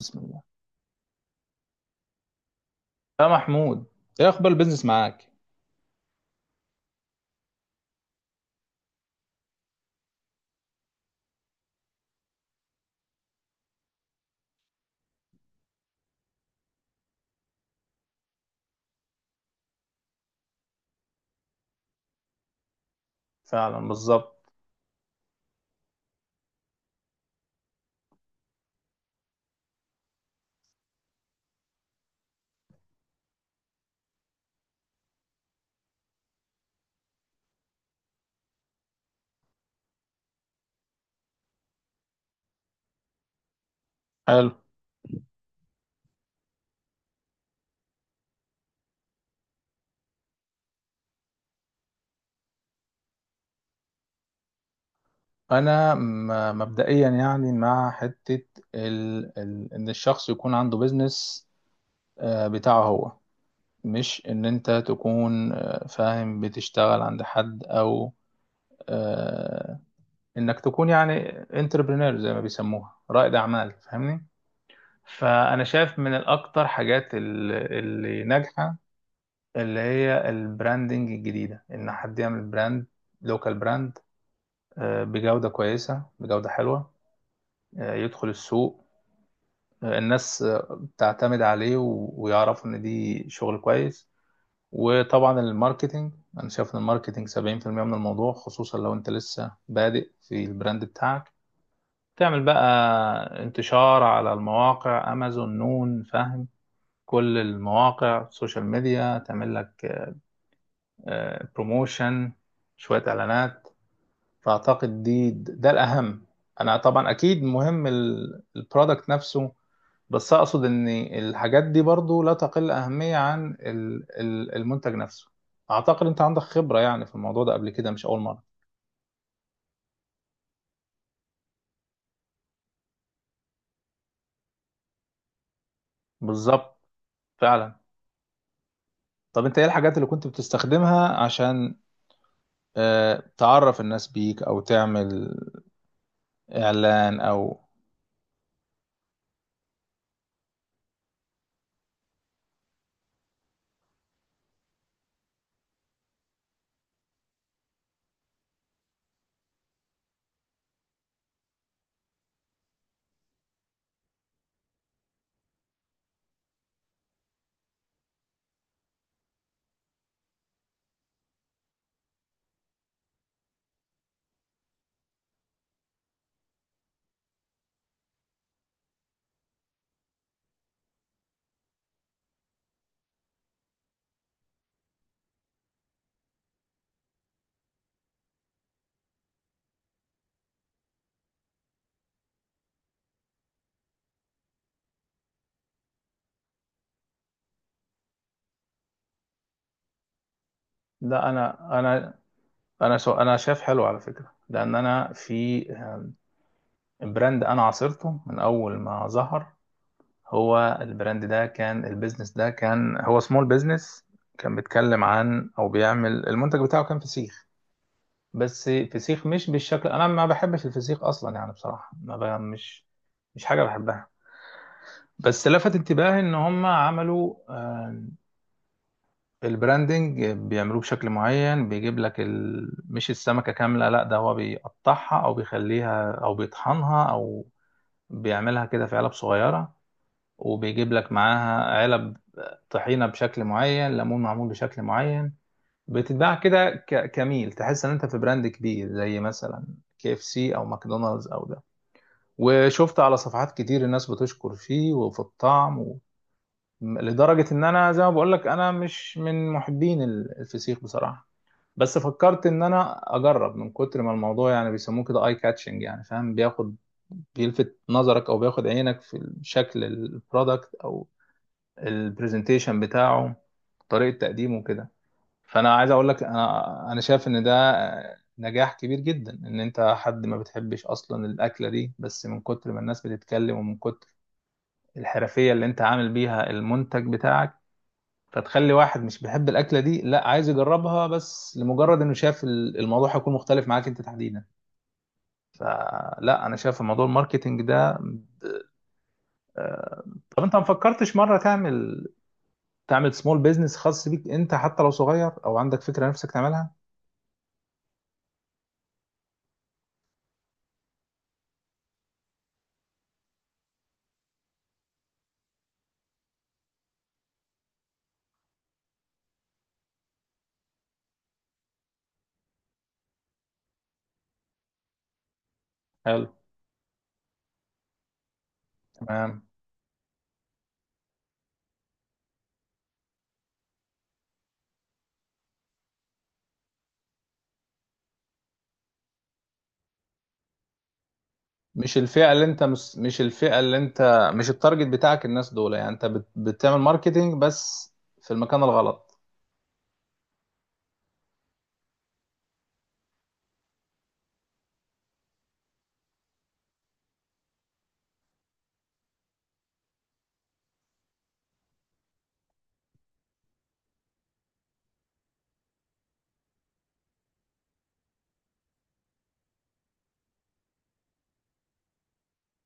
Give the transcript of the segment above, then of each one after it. بسم الله، يا محمود. ايه اخبار البيزنس معاك؟ فعلا، بالظبط. حلو. انا مبدئيا يعني مع حته ان الشخص يكون عنده بيزنس، بتاعه هو. مش ان انت تكون فاهم بتشتغل عند حد، او آه، انك تكون يعني انتربرينور زي ما بيسموها رائد اعمال، فاهمني؟ فانا شايف من الاكتر حاجات اللي ناجحه، اللي هي البراندنج الجديدة، إن حد يعمل براند، لوكال براند، بجودة كويسة، بجودة حلوة، يدخل السوق، الناس تعتمد عليه ويعرفوا إن دي شغل كويس. وطبعا الماركتينج. أنا شايف إن الماركتينج 70% من الموضوع، خصوصا لو أنت لسه بادئ في البراند بتاعك. تعمل بقى انتشار على المواقع، أمازون، نون، فاهم، كل المواقع، سوشيال ميديا، تعمل لك بروموشن، شوية إعلانات. فاعتقد دي ده الاهم. انا طبعا اكيد مهم البرودكت نفسه، بس اقصد ان الحاجات دي برضو لا تقل اهمية عن المنتج نفسه. اعتقد انت عندك خبرة يعني في الموضوع ده قبل كده، مش اول مرة. بالظبط. فعلا. طب انت ايه الحاجات اللي كنت بتستخدمها عشان تعرف الناس بيك او تعمل اعلان او. لا، انا شايف حلو على فكرة، لان انا في براند انا عاصرته من اول ما ظهر. هو البراند ده كان، البيزنس ده كان، هو سمول بيزنس. كان بيتكلم عن او بيعمل المنتج بتاعه، كان فسيخ. بس فسيخ مش بالشكل. انا ما بحبش الفسيخ اصلا يعني، بصراحه ما ب... مش مش حاجه بحبها. بس لفت انتباهي ان هم عملوا البراندنج بيعملوه بشكل معين، بيجيب لك مش السمكه كامله، لا، ده هو بيقطعها او بيخليها او بيطحنها او بيعملها كده في علب صغيرة، وبيجيب لك معاها علب طحينه بشكل معين، ليمون معمول بشكل معين. بتتباع كده كميل، تحس ان انت في براند كبير زي مثلا كي اف سي او ماكدونالدز او ده. وشفت على صفحات كتير الناس بتشكر فيه وفي الطعم و... لدرجة ان انا زي ما بقول لك، انا مش من محبين الفسيخ بصراحة. بس فكرت ان انا اجرب من كتر ما الموضوع يعني بيسموه كده اي كاتشنج، يعني فاهم، بياخد، بيلفت نظرك او بياخد عينك في شكل البرودكت او البرزنتيشن بتاعه، طريقة تقديمه كده. فأنا عايز أقول لك، أنا شايف إن ده نجاح كبير جدا. إن أنت حد ما بتحبش أصلا الأكلة دي، بس من كتر ما الناس بتتكلم ومن كتر الحرفية اللي أنت عامل بيها المنتج بتاعك، فتخلي واحد مش بيحب الأكلة دي، لا، عايز يجربها، بس لمجرد إنه شاف الموضوع هيكون مختلف معاك أنت تحديدا. فلا، أنا شايف موضوع الماركتينج ده. طب أنت ما فكرتش مرة تعمل سمول بيزنس خاص بيك انت، حتى لو صغير، او عندك فكره نفسك تعملها؟ حلو. تمام. مش الفئه اللي انت مش التارجت بتاعك الناس دول، يعني انت بتعمل ماركتينج بس في المكان الغلط.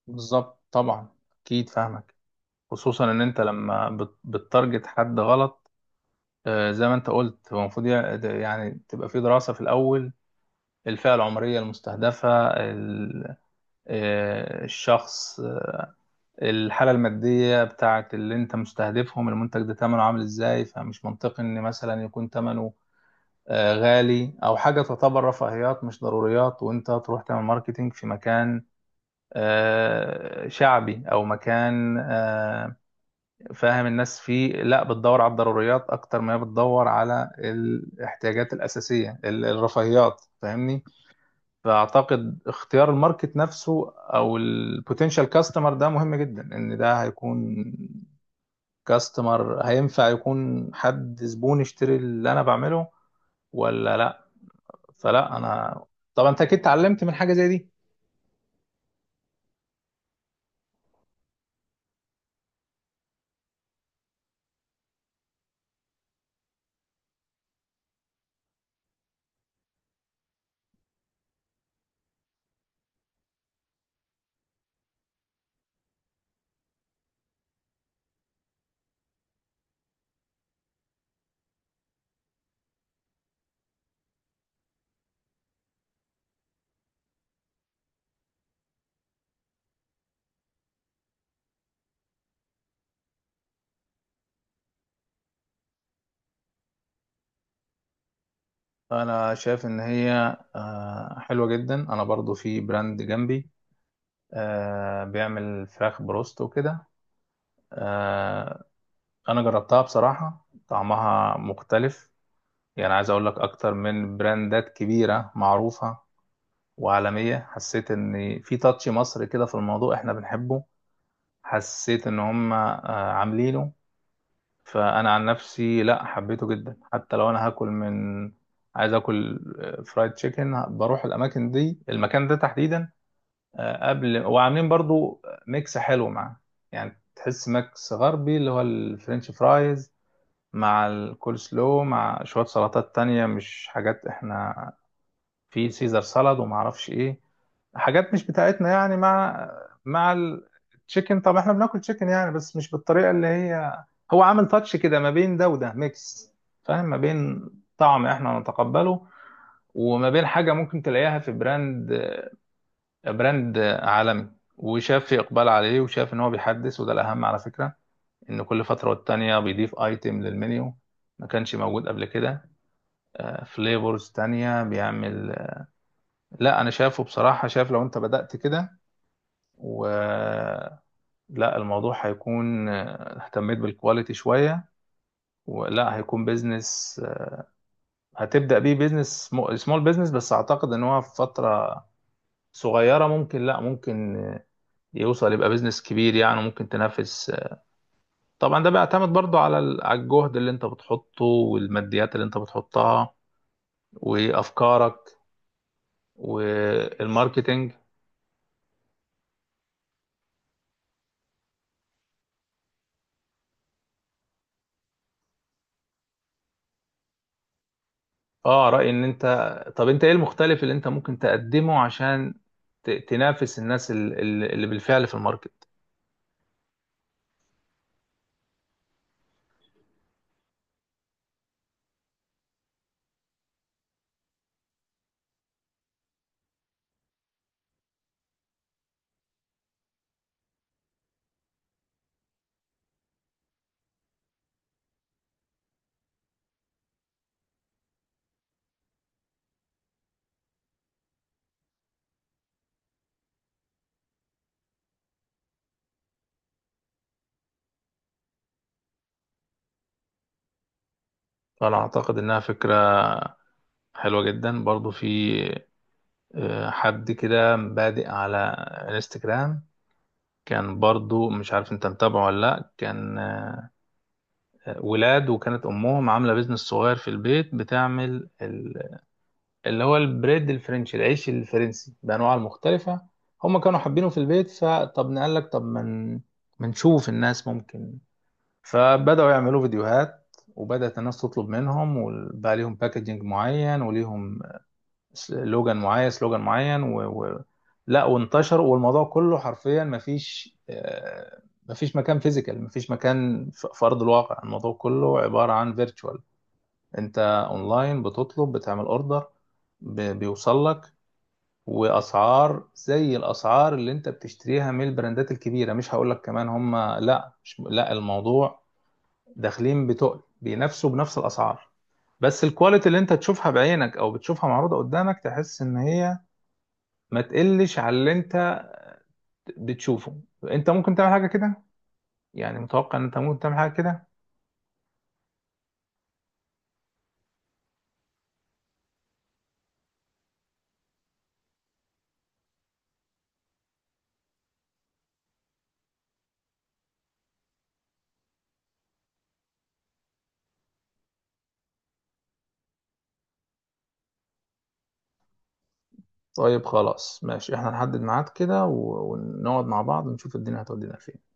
بالظبط، طبعا. اكيد فاهمك. خصوصا ان انت لما بتتارجت حد غلط، زي ما انت قلت هو المفروض يعني تبقى في دراسه في الاول. الفئه العمريه المستهدفه الشخص، الحالة المادية بتاعت اللي انت مستهدفهم، المنتج ده تمنه عامل ازاي؟ فمش منطقي ان مثلا يكون تمنه غالي او حاجة تعتبر رفاهيات مش ضروريات، وانت تروح تعمل ماركتينج في مكان شعبي، او مكان فاهم الناس فيه لا بتدور على الضروريات اكتر ما هي بتدور على الاحتياجات الاساسية، الرفاهيات، فاهمني؟ فاعتقد اختيار الماركت نفسه او البوتنشال كاستمر ده مهم جدا. ان ده هيكون كاستمر، هينفع يكون حد زبون يشتري اللي انا بعمله ولا لا؟ فلا، انا طبعا انت اكيد اتعلمت من حاجه زي دي. انا شايف ان هي حلوه جدا. انا برضو في براند جنبي بيعمل فراخ بروست وكده. آه، انا جربتها بصراحه، طعمها مختلف، يعني عايز اقول لك اكتر من براندات كبيره معروفه وعالميه. حسيت ان في تاتش مصري كده في الموضوع احنا بنحبه. حسيت ان هم عاملينه. فانا عن نفسي لا، حبيته جدا. حتى لو انا هاكل من، عايز اكل فرايد تشيكن، بروح الاماكن دي، المكان ده تحديدا قبل. وعاملين برضو ميكس حلو معاه. يعني تحس ميكس غربي، اللي هو الفرنش فرايز مع الكول سلو مع شوية سلطات تانية مش حاجات احنا، في سيزر سالاد وما اعرفش ايه، حاجات مش بتاعتنا يعني، مع مع التشيكن. طب احنا بناكل تشيكن يعني، بس مش بالطريقه اللي هي. هو عامل تاتش كده ما بين ده وده، ميكس، فاهم، ما بين طعم احنا نتقبله، وما بين حاجه ممكن تلاقيها في براند عالمي. وشاف في اقبال عليه، وشاف ان هو بيحدث، وده الاهم على فكره، ان كل فتره والتانيه بيضيف ايتم للمنيو ما كانش موجود قبل كده، فليفرز تانية بيعمل. لا، انا شافه بصراحه. شاف لو انت بدأت كده، و لا، الموضوع هيكون اهتميت بالكواليتي شوية، ولا هيكون بيزنس، هتبدأ بيه بيزنس، سمول بيزنس. بس اعتقد ان هو في فترة صغيرة ممكن، لا ممكن يوصل يبقى بيزنس كبير، يعني ممكن تنافس طبعا. ده بيعتمد برضو على على الجهد اللي انت بتحطه والماديات اللي انت بتحطها وافكارك والماركتينج. اه، رأيي ان انت، طب انت ايه المختلف اللي انت ممكن تقدمه عشان تنافس الناس اللي بالفعل في الماركت؟ فانا اعتقد انها فكره حلوه جدا. برضو في حد كده بادئ على انستجرام، كان برضو، مش عارف انت متابعه ولا لا، كان ولاد، وكانت امهم عامله بيزنس صغير في البيت، بتعمل اللي هو البريد الفرنسي، العيش الفرنسي بانواعه المختلفه. هم كانوا حابينه في البيت، فطب نقال لك طب ما من نشوف الناس ممكن. فبداوا يعملوا فيديوهات، وبدأت الناس تطلب منهم، وبقى ليهم باكجينج معين، وليهم سلوجان معين سلوجان معين لا، وانتشر. والموضوع كله حرفيا مفيش مفيش مكان فيزيكال، مفيش مكان في ارض الواقع. الموضوع كله عباره عن فيرتشوال. انت اونلاين بتطلب، بتعمل اوردر، بيوصل لك. واسعار زي الاسعار اللي انت بتشتريها من البراندات الكبيره، مش هقول لك كمان هم. لا، مش... لا الموضوع، داخلين بتقل بينافسوا بنفس الاسعار. بس الكواليتي اللي انت تشوفها بعينك او بتشوفها معروضه قدامك، تحس ان هي ما تقلش على اللي انت بتشوفه. انت ممكن تعمل حاجه كده. يعني متوقع ان انت ممكن تعمل حاجه كده. طيب خلاص ماشي، احنا نحدد ميعاد كده ونقعد مع بعض ونشوف الدنيا هتودينا فين.